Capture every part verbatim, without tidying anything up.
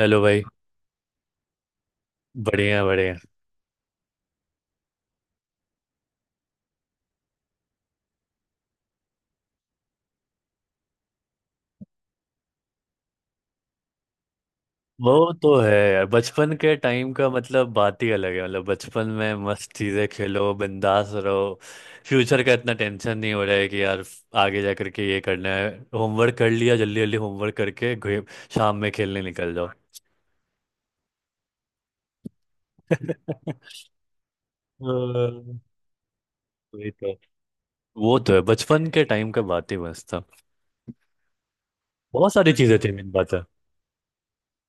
Hello भाई। बढ़िया बढ़िया। वो तो है यार, बचपन के टाइम का मतलब बात ही अलग है, मतलब बचपन में मस्त चीजें खेलो, बिंदास रहो। फ्यूचर का इतना टेंशन नहीं हो रहा है कि यार आगे जा करके ये करना है। होमवर्क कर लिया, जल्दी जल्दी होमवर्क करके घे- शाम में खेलने निकल जाओ। अ, वही तो। वो तो है, बचपन के टाइम का बात ही मस्त था। बहुत सारी चीजें थी, मेन बात है।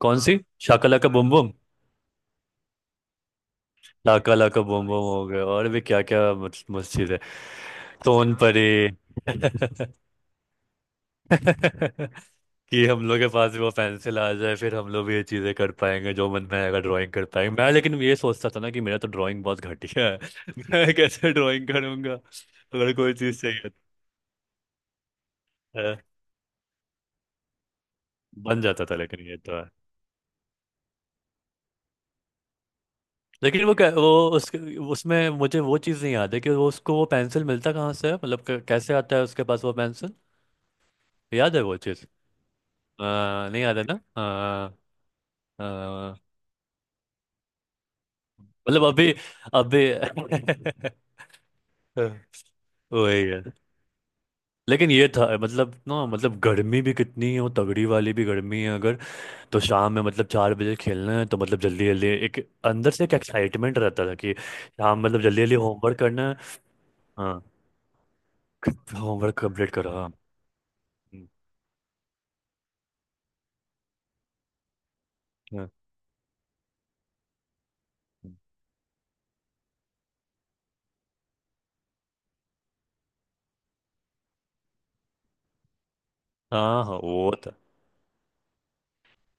कौन सी। शाकला का बम बम। लाका लाका बम बम हो गए, और भी क्या क्या। मस्जिद है। सोन परी। कि हम लोग के पास भी वो पेंसिल आ जाए, फिर हम लोग भी ये चीज़ें कर पाएंगे, जो मन में आएगा ड्राइंग कर पाएंगे। मैं लेकिन ये सोचता था ना कि मेरा तो ड्राइंग बहुत घटिया है। मैं कैसे ड्राइंग करूंगा। अगर कोई चीज़ चाहिए तो है। बन जाता था, लेकिन ये तो है। लेकिन वो कै- वो उसके, उसमें मुझे वो चीज़ नहीं याद है कि वो उसको वो पेंसिल मिलता कहाँ से है, मतलब क- कैसे आता है उसके पास वो पेंसिल। याद है वो। आ, नहीं आता ना आ, आ, मतलब अभी अभी वही है। लेकिन ये था, मतलब ना, मतलब गर्मी भी कितनी है, वो तगड़ी वाली भी गर्मी है, अगर तो शाम में मतलब चार बजे खेलना है तो मतलब जल्दी जल्दी एक अंदर से एक एक्साइटमेंट रहता था कि शाम मतलब जल्दी जल्दी होमवर्क करना है। हाँ, होमवर्क कंप्लीट करो, हाँ। हम्म, हाँ हाँ हाँ, वो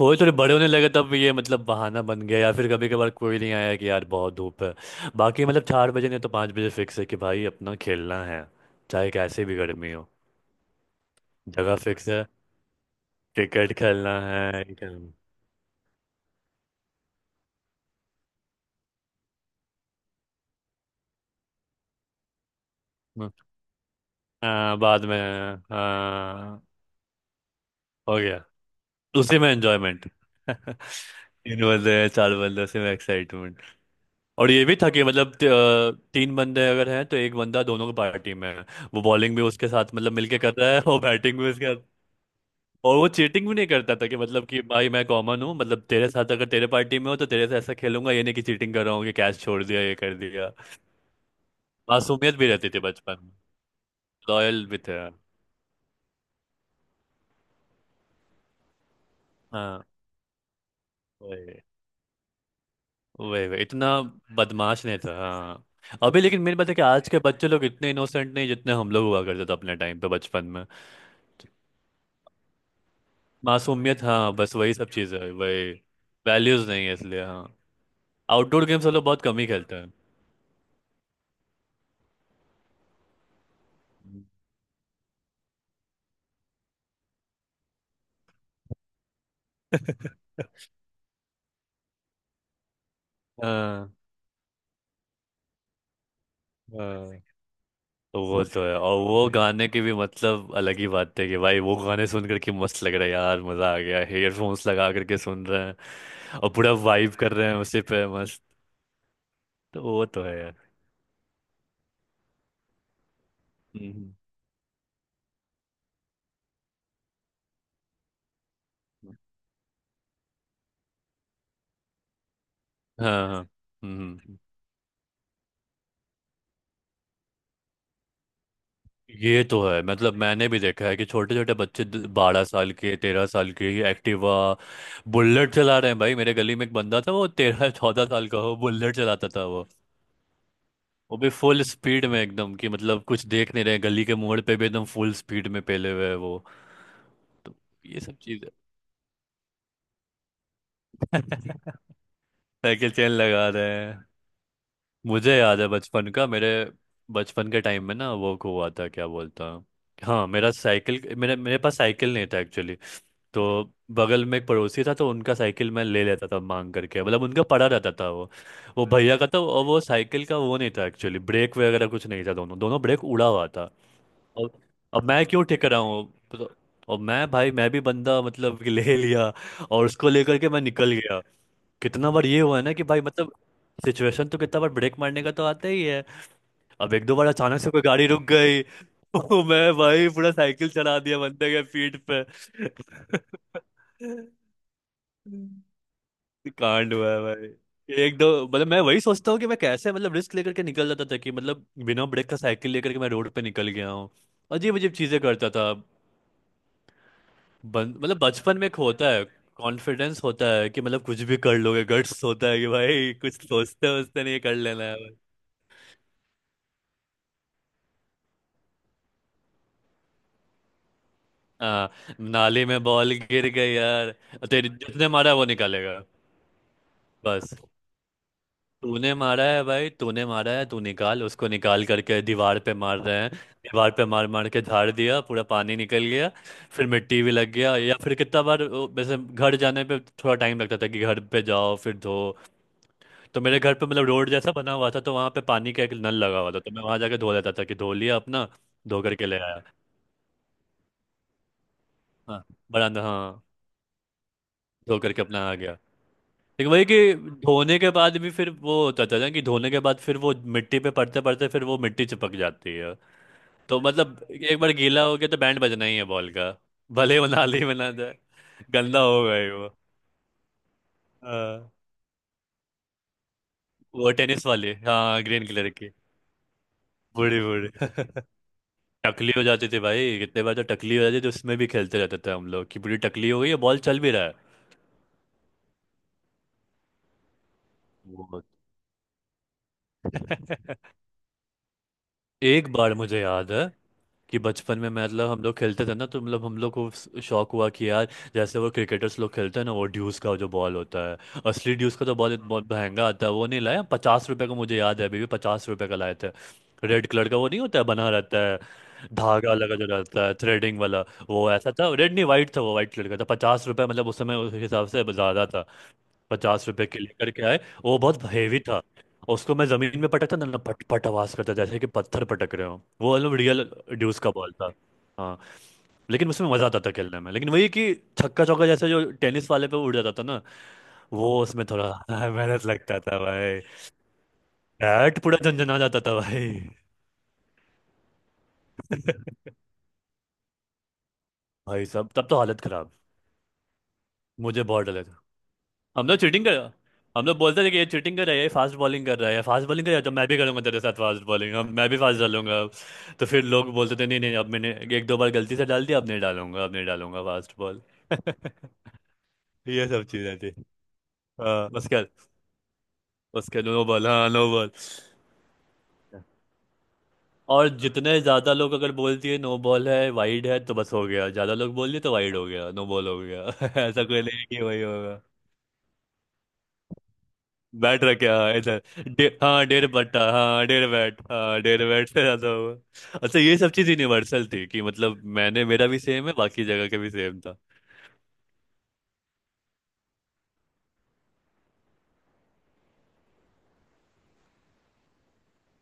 थोड़े थोड़े बड़े होने लगे तब ये मतलब बहाना बन गया, या फिर कभी कभार कोई नहीं आया कि यार बहुत धूप है। बाकी मतलब चार बजे नहीं तो पाँच बजे फिक्स है कि भाई अपना खेलना है, चाहे कैसे भी गर्मी हो, जगह फिक्स है। क्रिकेट खेलना है, ये खेलना- है। हाँ बाद में, हाँ हो गया, उसी में एंजॉयमेंट। तीन बंदे हैं, चार बंदे, उसी में एक्साइटमेंट। और ये भी था कि मतलब त- अ, तीन बंदे अगर हैं तो एक बंदा दोनों की पार्टी में है, वो बॉलिंग भी उसके साथ मतलब मिलके कर रहा है, वो बैटिंग भी उसके। और वो चीटिंग भी नहीं करता था, कि मतलब कि भाई मैं कॉमन हूँ, मतलब तेरे साथ अगर तेरे पार्टी में हो तो तेरे से ऐसा खेलूंगा, ये नहीं कि चीटिंग कर रहा हूँ कि कैश छोड़ दिया ये कर दिया। मासूमियत भी रहती थी बचपन में। लॉयल भी थे। हाँ वही, वही वही इतना बदमाश नहीं था। हाँ अभी, लेकिन मेरी बात है कि आज के बच्चे लोग इतने इनोसेंट नहीं जितने हम लोग हुआ करते थे अपने टाइम पे बचपन में। मासूमियत, हाँ, बस वही सब चीज़ है, वही वैल्यूज नहीं है इसलिए। हाँ, आउटडोर गेम्स हम लोग बहुत कम ही खेलते हैं। हाँ हाँ। तो वो तो है, और वो गाने की भी मतलब अलग ही बात है कि भाई वो गाने सुन करके मस्त लग रहा है यार, मजा आ गया, हेडफोन्स लगा करके सुन रहे हैं और पूरा वाइब कर रहे हैं उसी पे मस्त। तो वो तो है यार। हम्म। हाँ हाँ। हम्म हम्म। ये तो है, मतलब मैंने भी देखा है कि छोटे छोटे बच्चे बारह साल के तेरह साल के ही एक्टिवा बुलेट चला रहे हैं। भाई मेरे गली में एक बंदा था, वो तेरह चौदह साल का हो बुलेट चलाता था। वो भी फुल स्पीड में एकदम, कि मतलब कुछ देख नहीं रहे, गली के मोड़ पे भी एकदम फुल स्पीड में पेले हुए है वो। तो ये सब चीज है। साइकिल चेन लगा रहे हैं। मुझे याद है बचपन का, मेरे बचपन के टाइम में ना वो हुआ था, क्या बोलता हूँ, हाँ, मेरा साइकिल मेरे मेरे पास साइकिल नहीं था एक्चुअली। तो बगल में एक पड़ोसी था तो उनका साइकिल मैं ले लेता था मांग करके, मतलब उनका पड़ा रहता था, वो वो भैया का था। और वो साइकिल का वो नहीं था एक्चुअली, ब्रेक वगैरह कुछ नहीं था, दोनों दोनों ब्रेक उड़ा हुआ था। अब अब मैं क्यों टिक रहा हूँ पता- और मैं, भाई मैं भी बंदा मतलब कि ले लिया, और उसको लेकर के मैं निकल गया। कितना बार ये हुआ है ना कि भाई मतलब सिचुएशन तो, कितना बार ब्रेक मारने का तो आता ही है। अब एक दो बार अचानक से कोई गाड़ी रुक गई तो मैं, भाई, पूरा साइकिल चला दिया बंदे के पीठ पे। कांड हुआ है भाई एक दो, मतलब मैं वही सोचता हूँ कि मैं कैसे मतलब रिस्क लेकर के निकल जाता था, कि मतलब बिना ब्रेक का साइकिल लेकर के मैं रोड पे निकल गया हूँ। अजीब अजीब चीजें करता था। बन, मतलब बचपन में एक होता है कॉन्फिडेंस, होता है कि मतलब कुछ भी कर लोगे, गट्स होता है कि भाई कुछ सोचते सोचते नहीं, कर लेना है भाई। हाँ, नाली में बॉल गिर गई यार, तेरे जितने मारा है वो निकालेगा। बस तूने मारा है भाई, तूने मारा है, तू निकाल, उसको निकाल करके दीवार पे मार रहे हैं। दीवार पे मार मार के झाड़ दिया, पूरा पानी निकल गया। फिर मिट्टी भी लग गया, या फिर कितना बार वो वैसे घर जाने पे थोड़ा टाइम लगता था कि घर पे जाओ फिर धो। तो मेरे घर पे मतलब रोड जैसा बना हुआ था, तो वहां पे पानी का एक नल लगा हुआ था, तो मैं वहां जाके धो लेता था, कि धो लिया अपना, धो करके ले आया। हाँ, बरामदा, हाँ, धो करके अपना आ गया। लेकिन वही कि धोने के बाद भी फिर वो होता था ना कि धोने के बाद फिर वो मिट्टी पे पड़ते पड़ते फिर वो मिट्टी चिपक जाती है। तो मतलब एक बार गीला हो गया तो बैंड बजना ही है बॉल का, भले वो नाली में ना जाए, गंदा हो गई वो। हाँ, वो टेनिस वाली, हाँ ग्रीन कलर की। बूढ़ी बूढ़ी टकली हो जाती थी भाई, कितने बार तो टकली हो जाती थी, तो उसमें भी खेलते रहते थे हम लोग, कि पूरी टकली हो गई है बॉल, चल भी रहा है। वो एक बार मुझे याद है, कि बचपन में मैं मतलब हम लोग खेलते थे ना, तो मतलब हम लोग को स- शौक हुआ कि यार, जैसे वो क्रिकेटर्स लोग खेलते हैं ना, वो ड्यूस का जो बॉल होता है, असली ड्यूस का तो बॉल बहुत महंगा आता है, वो नहीं लाया। पचास रुपए का, मुझे याद है अभी भी, पचास रुपए का लाए थे। रेड कलर का वो नहीं होता है बना रहता है, धागा लगा जो रहता है, थ्रेडिंग वाला। वो ऐसा था, रेड नहीं वाइट था, वो वाइट कलर का था, पचास रुपए मतलब उस समय उस हिसाब से ज़्यादा था। पचास रुपए के लेकर के आए, वो बहुत हेवी था, उसको मैं जमीन में पटकता ना, ना पट पट आवाज करता जैसे कि पत्थर पटक रहे हो, वो मतलब रियल ड्यूस का बॉल था। हाँ, लेकिन उसमें मजा आता था खेलने में, लेकिन वही कि छक्का चौका जैसे जो टेनिस वाले पे उड़ जाता था ना, वो उसमें थोड़ा मेहनत लगता था भाई, बैट पूरा झंझना जाता था भाई। भाई साहब, तब तो हालत खराब, मुझे बहुत डर। हम लोग चीटिंग कर हम लोग बोलते थे कि ये चीटिंग कर रहा है, ये फास्ट बॉलिंग कर रहा है, फास्ट बॉलिंग कर रहा है, तो मैं भी करूंगा तेरे साथ फास्ट बॉलिंग, अब मैं भी फास्ट डालूंगा अब। तो फिर लोग बोलते थे नहीं नहीं, अब मैंने एक दो बार गलती से डाल दिया, अब नहीं डालूंगा, अब नहीं डालूंगा फास्ट बॉल। ये सब चीजें थी। हाँ उसके, उसके नो बॉल, हाँ नो बॉल। और जितने ज्यादा लोग अगर बोल दिए नो बॉल है वाइड है, तो बस हो गया, ज्यादा लोग बोल दिए तो वाइड हो गया, नो बॉल हो गया। ऐसा कोई नहीं है कि वही होगा। बैट रखे हाँ इधर, डे, हाँ डेढ़ बट्टा, हाँ डेढ़ बैट, हाँ डेढ़ बैट से ज्यादा हुआ। अच्छा, ये सब चीज यूनिवर्सल थी, कि मतलब मैंने, मेरा भी सेम है बाकी जगह का भी सेम था।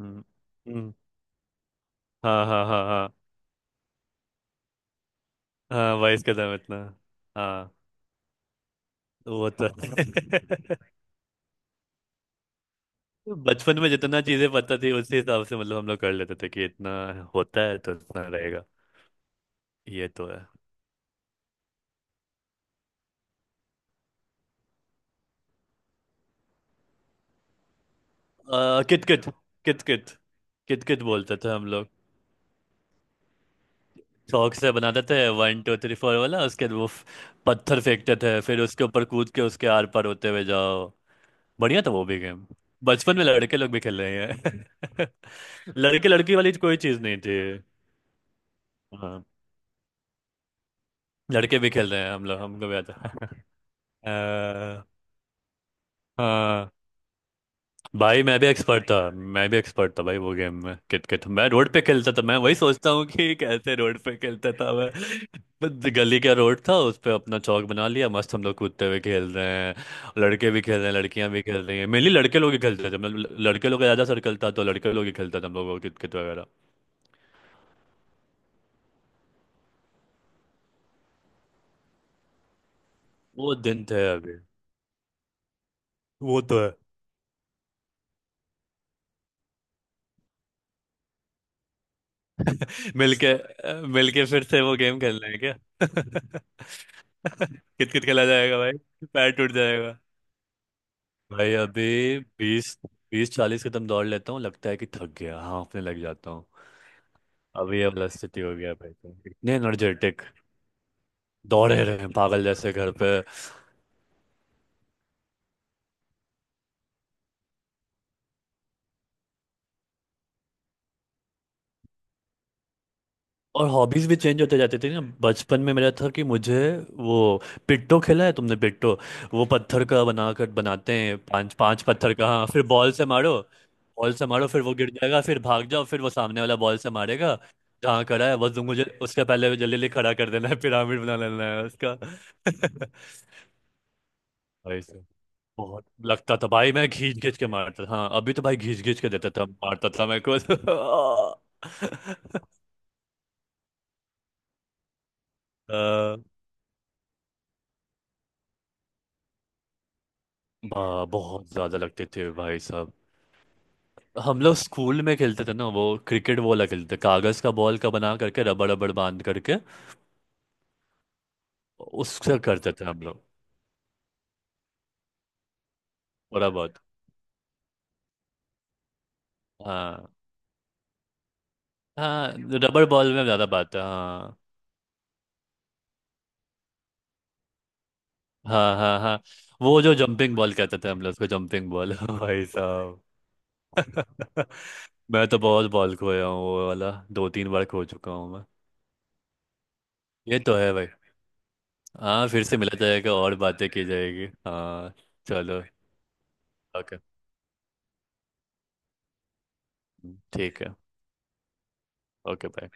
हम्म हम्म, हाँ हाँ हाँ हाँ, हाँ बाईस कदम इतना। हाँ वो तो बचपन में जितना चीजें पता थी उसी हिसाब से मतलब हम लोग कर लेते थे, कि इतना होता है तो इतना रहेगा। ये तो है। आ, कित कित, कित कित, कित कित बोलते थे हम लोग। चौक से बनाते थे, वन टू थ्री फोर वाला, उसके वो फ- पत्थर फेंकते थे, फिर उसके ऊपर कूद के उसके आर पार होते हुए जाओ। बढ़िया था वो भी गेम। बचपन में लड़के लोग भी खेल रहे हैं, लड़के लड़की वाली कोई चीज नहीं थी। हाँ, लड़के भी खेल रहे हैं हम लोग, हमको भी आता। अ, हाँ भाई, मैं भी एक्सपर्ट था, मैं भी एक्सपर्ट था भाई वो गेम में, किट मैं रोड पे खेलता था, मैं वही सोचता हूँ कि कैसे रोड पे खेलता था मैं। बस गली का रोड था, उस पे अपना चौक बना लिया, मस्त हम लोग कूदते हुए खेल रहे हैं। लड़के भी खेल रहे हैं, लड़कियां भी खेल रही हैं, मेनली लड़के लोग ही खेलते थे, मतलब लड़के लोग का ज़्यादा सर्कल था तो लड़के लोग ही खेलते थे हम लोग, किट किट वगैरह। वो दिन थे अभी, वो तो है। मिलके, मिलके फिर से वो गेम खेलना है क्या। कित कित खेला जाएगा भाई, पैर टूट जाएगा। भाई अभी बीस बीस चालीस कदम दौड़ लेता हूँ, लगता है कि थक गया, हाँफने लग जाता हूँ। अभी ये वाला स्थिति हो गया भाई, तो इतने एनर्जेटिक दौड़े रहे हैं पागल जैसे घर पे। और हॉबीज भी चेंज होते जाते थे ना, बचपन में मेरा था कि मुझे वो, पिट्टो खेला है तुमने पिट्टो, वो पत्थर का बनाकर बनाते हैं पांच पांच पत्थर का, हाँ फिर बॉल से मारो। बॉल से मारो, फिर वो गिर जाएगा, फिर भाग जाओ, फिर वो सामने वाला बॉल से मारेगा जहाँ खड़ा है, बस तुम मुझे उसके पहले जल्दी जल्दी खड़ा कर देना है, पिरामिड बना लेना है उसका। भाई साहब, बहुत लगता था भाई, मैं घींच घींच के मारता था, हाँ अभी तो भाई घींच घींच के देता था, मारता था मैं को। हाँ, बहुत ज्यादा लगते थे भाई साहब। हम लोग स्कूल में खेलते थे ना, वो क्रिकेट वो वाला खेलते थे, कागज का बॉल का बना करके, रबड़ रबड़ बांध करके, उससे करते थे हम लोग। थोड़ा बहुत। हाँ हाँ, रबड़ बॉल में ज्यादा बात है, हाँ। हाँ हाँ हाँ। वो जो जंपिंग बॉल कहते थे हम लोग उसको, जंपिंग बॉल। भाई साहब। मैं तो बहुत बॉल खोया हूँ, वो वाला दो तीन बार खो चुका हूँ मैं। ये तो है भाई। हाँ, फिर से मिला जाएगा और बातें की जाएगी, हाँ। चलो, ओके, ठीक है। Okay bye.